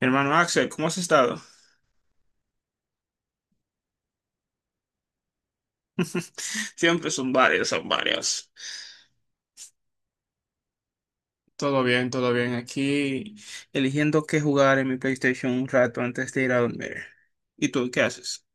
Hermano Axel, ¿cómo has estado? Siempre son varios, son varios. Todo bien, todo bien. Aquí eligiendo qué jugar en mi PlayStation un rato antes de ir a dormir. ¿Y tú qué haces?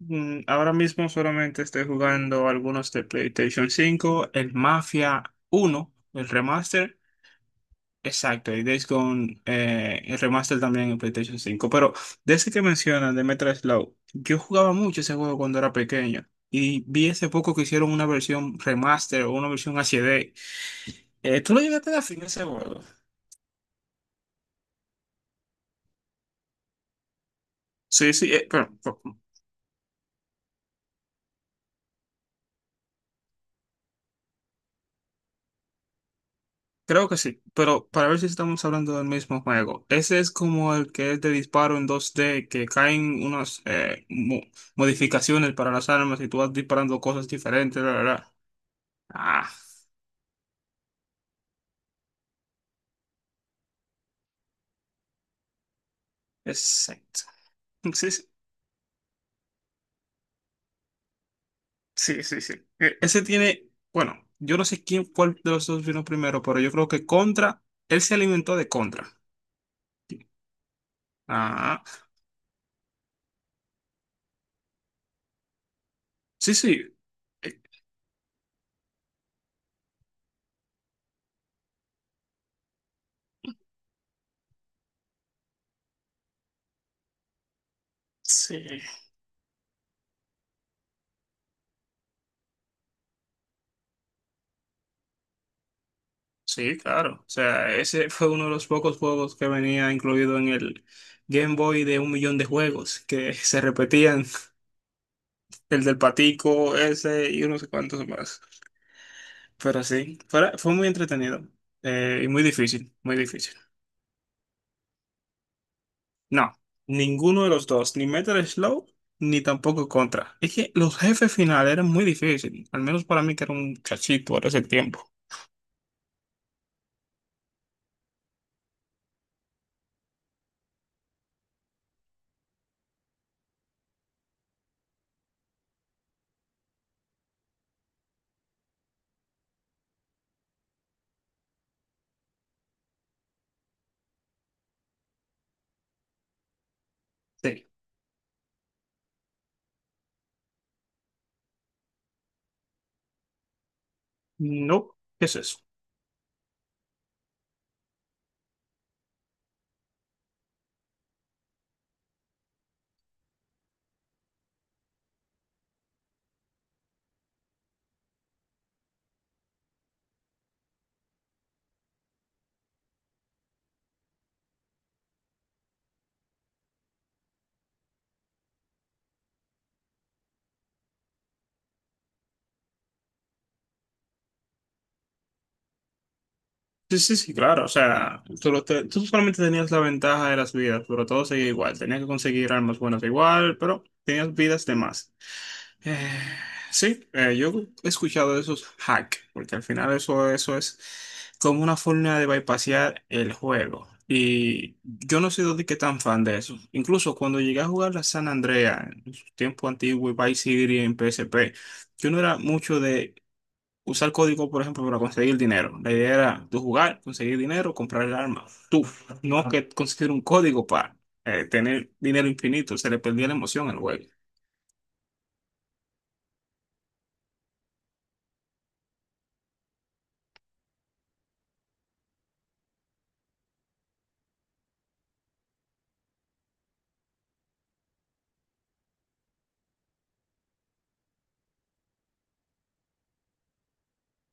Ahora mismo solamente estoy jugando algunos de PlayStation 5, el Mafia 1, el remaster. Exacto, y Days Gone, el remaster también en PlayStation 5. Pero de ese que mencionas, de Metal Slug, yo jugaba mucho ese juego cuando era pequeño. Y vi hace poco que hicieron una versión remaster o una versión HD. ¿Tú lo llegaste a dar fin a ese juego? Sí, sí, creo que sí. Pero para ver si estamos hablando del mismo juego. Ese es como el que es de disparo en 2D, que caen unas modificaciones para las armas y tú vas disparando cosas diferentes, la verdad. Ah, exacto. Sí, sí. Sí, sí, sí. Ese tiene, bueno, yo no sé quién, cuál de los dos vino primero, pero yo creo que Contra, él se alimentó de Contra. Ah, sí, sí. Eh, sí, sí, claro. O sea, ese fue uno de los pocos juegos que venía incluido en el Game Boy, de un millón de juegos que se repetían, el del patico, ese y unos cuantos más. Pero sí, fue, fue muy entretenido y muy difícil, muy difícil. No, ninguno de los dos, ni Metal Slow, ni tampoco Contra. Es que los jefes finales eran muy difíciles, al menos para mí que era un chachito ahora ese tiempo. Sí. No, ¿qué es eso? Sí, sí, sí, claro, o sea, tú, tú solamente tenías la ventaja de las vidas, pero todo seguía igual, tenías que conseguir armas buenas igual, pero tenías vidas de más. Eh, sí, yo he escuchado de esos hacks, porque al final eso, eso es como una forma de bypassear el juego. Y yo no soy de que tan fan de eso. Incluso cuando llegué a jugar la San Andrea en su tiempo antiguo y Vice City en PSP, yo no era mucho de usar código, por ejemplo, para conseguir dinero. La idea era tú jugar, conseguir dinero, comprar el arma. Tú, no que conseguir un código para tener dinero infinito. Se le perdía la emoción al juego.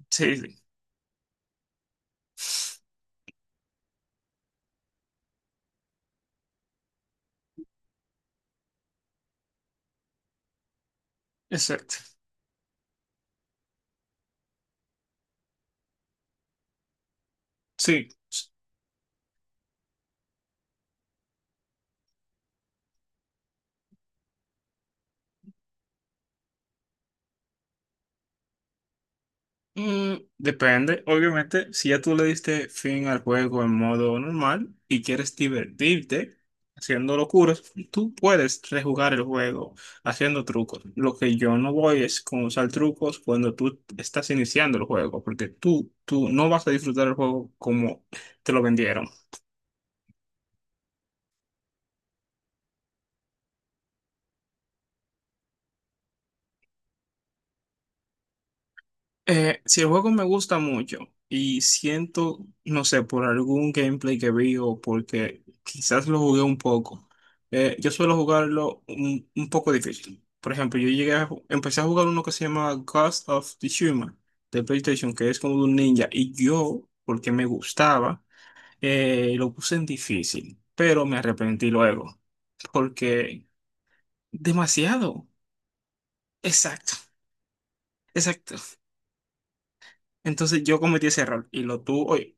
Sí, sí. Exacto. Sí. Mm, depende. Obviamente, si ya tú le diste fin al juego en modo normal y quieres divertirte haciendo locuras, tú puedes rejugar el juego haciendo trucos. Lo que yo no voy es con usar trucos cuando tú estás iniciando el juego, porque tú no vas a disfrutar el juego como te lo vendieron. Si el juego me gusta mucho y siento, no sé, por algún gameplay que vi o porque quizás lo jugué un poco, yo suelo jugarlo un poco difícil. Por ejemplo, yo llegué a, ju- empecé a jugar uno que se llama Ghost of Tsushima de PlayStation, que es como de un ninja, y yo, porque me gustaba, lo puse en difícil, pero me arrepentí luego, porque demasiado. Exacto, exacto. Entonces yo cometí ese error y lo tuve.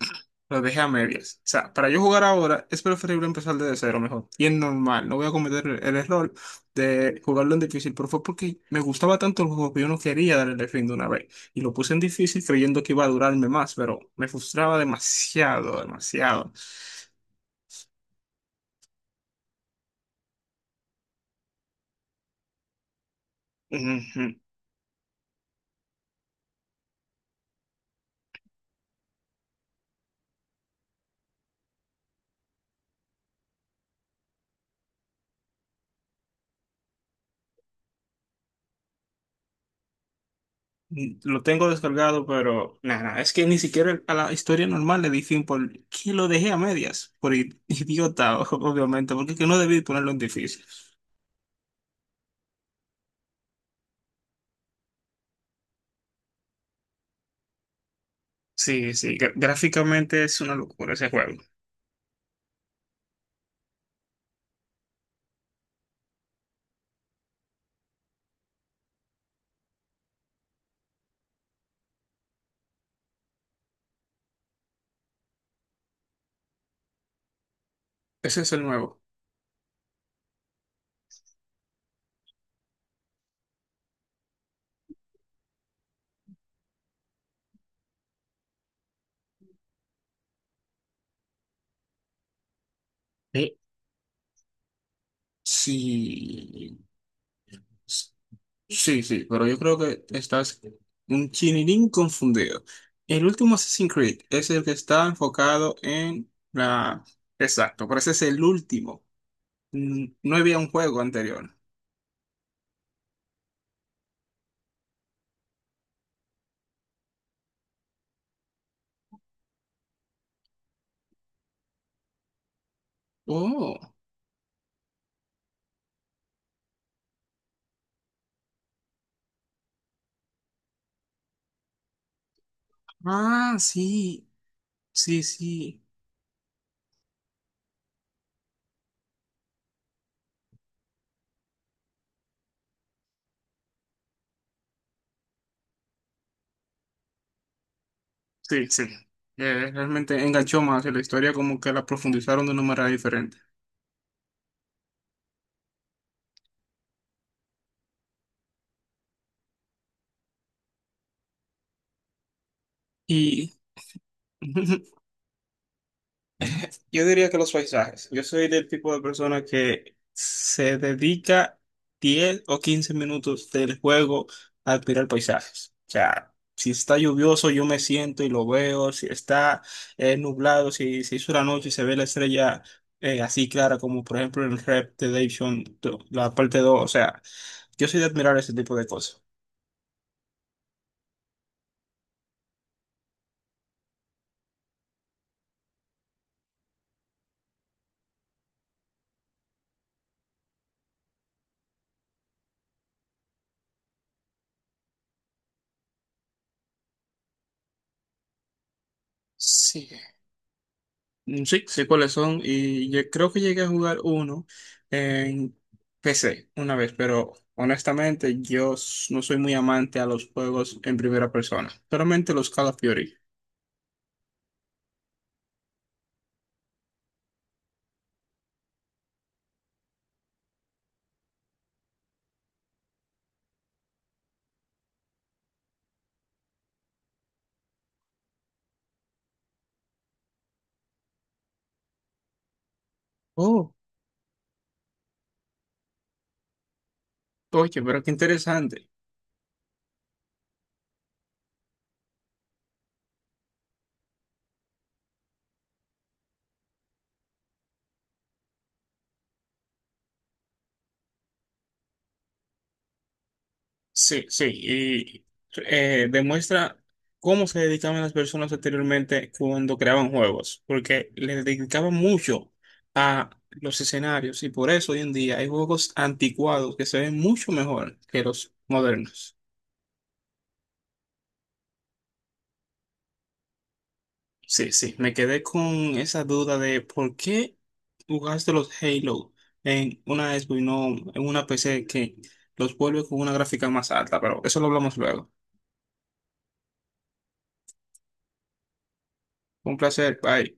Lo dejé a medias. O sea, para yo jugar ahora es preferible empezar desde cero mejor. Y es normal, no voy a cometer el error de jugarlo en difícil, pero fue porque me gustaba tanto el juego que yo no quería darle el fin de una vez. Y lo puse en difícil creyendo que iba a durarme más, pero me frustraba demasiado, demasiado. Ujú. Lo tengo descargado, pero nada, es que ni siquiera a la historia normal le di fin por que lo dejé a medias, por idiota, obviamente, porque es que no debí ponerlo en difícil. Sí, sí, gráficamente es una locura ese juego. Ese es el nuevo. Sí. Sí, sí, sí, pero yo creo que estás un chinirín confundido. El último Assassin's Creed es el que está enfocado en la... Exacto, pero ese es el último. No había un juego anterior. Oh, ah, sí, sí, sí, sí, sí. Realmente enganchó más y la historia, como que la profundizaron de una manera diferente. Y... Yo diría que los paisajes. Yo soy del tipo de persona que se dedica 10 o 15 minutos del juego a admirar paisajes. O sea, si está lluvioso, yo me siento y lo veo. Si está nublado, si se hizo la noche y se ve la estrella así clara, como por ejemplo en Red Dead Redemption, la parte 2. O sea, yo soy de admirar ese tipo de cosas. Sí. Sí, sé cuáles son y yo creo que llegué a jugar uno en PC una vez, pero honestamente no soy muy amante a los juegos en primera persona, solamente los Call of Duty. Oh, oye, pero qué interesante. Sí, sí, y demuestra cómo se dedicaban las personas anteriormente cuando creaban juegos, porque le dedicaban mucho a los escenarios y por eso hoy en día hay juegos anticuados que se ven mucho mejor que los modernos. Sí, sí, me quedé con esa duda de por qué jugaste los Halo en una Xbox y no en una PC que los vuelve con una gráfica más alta, pero eso lo hablamos luego. Un placer, bye.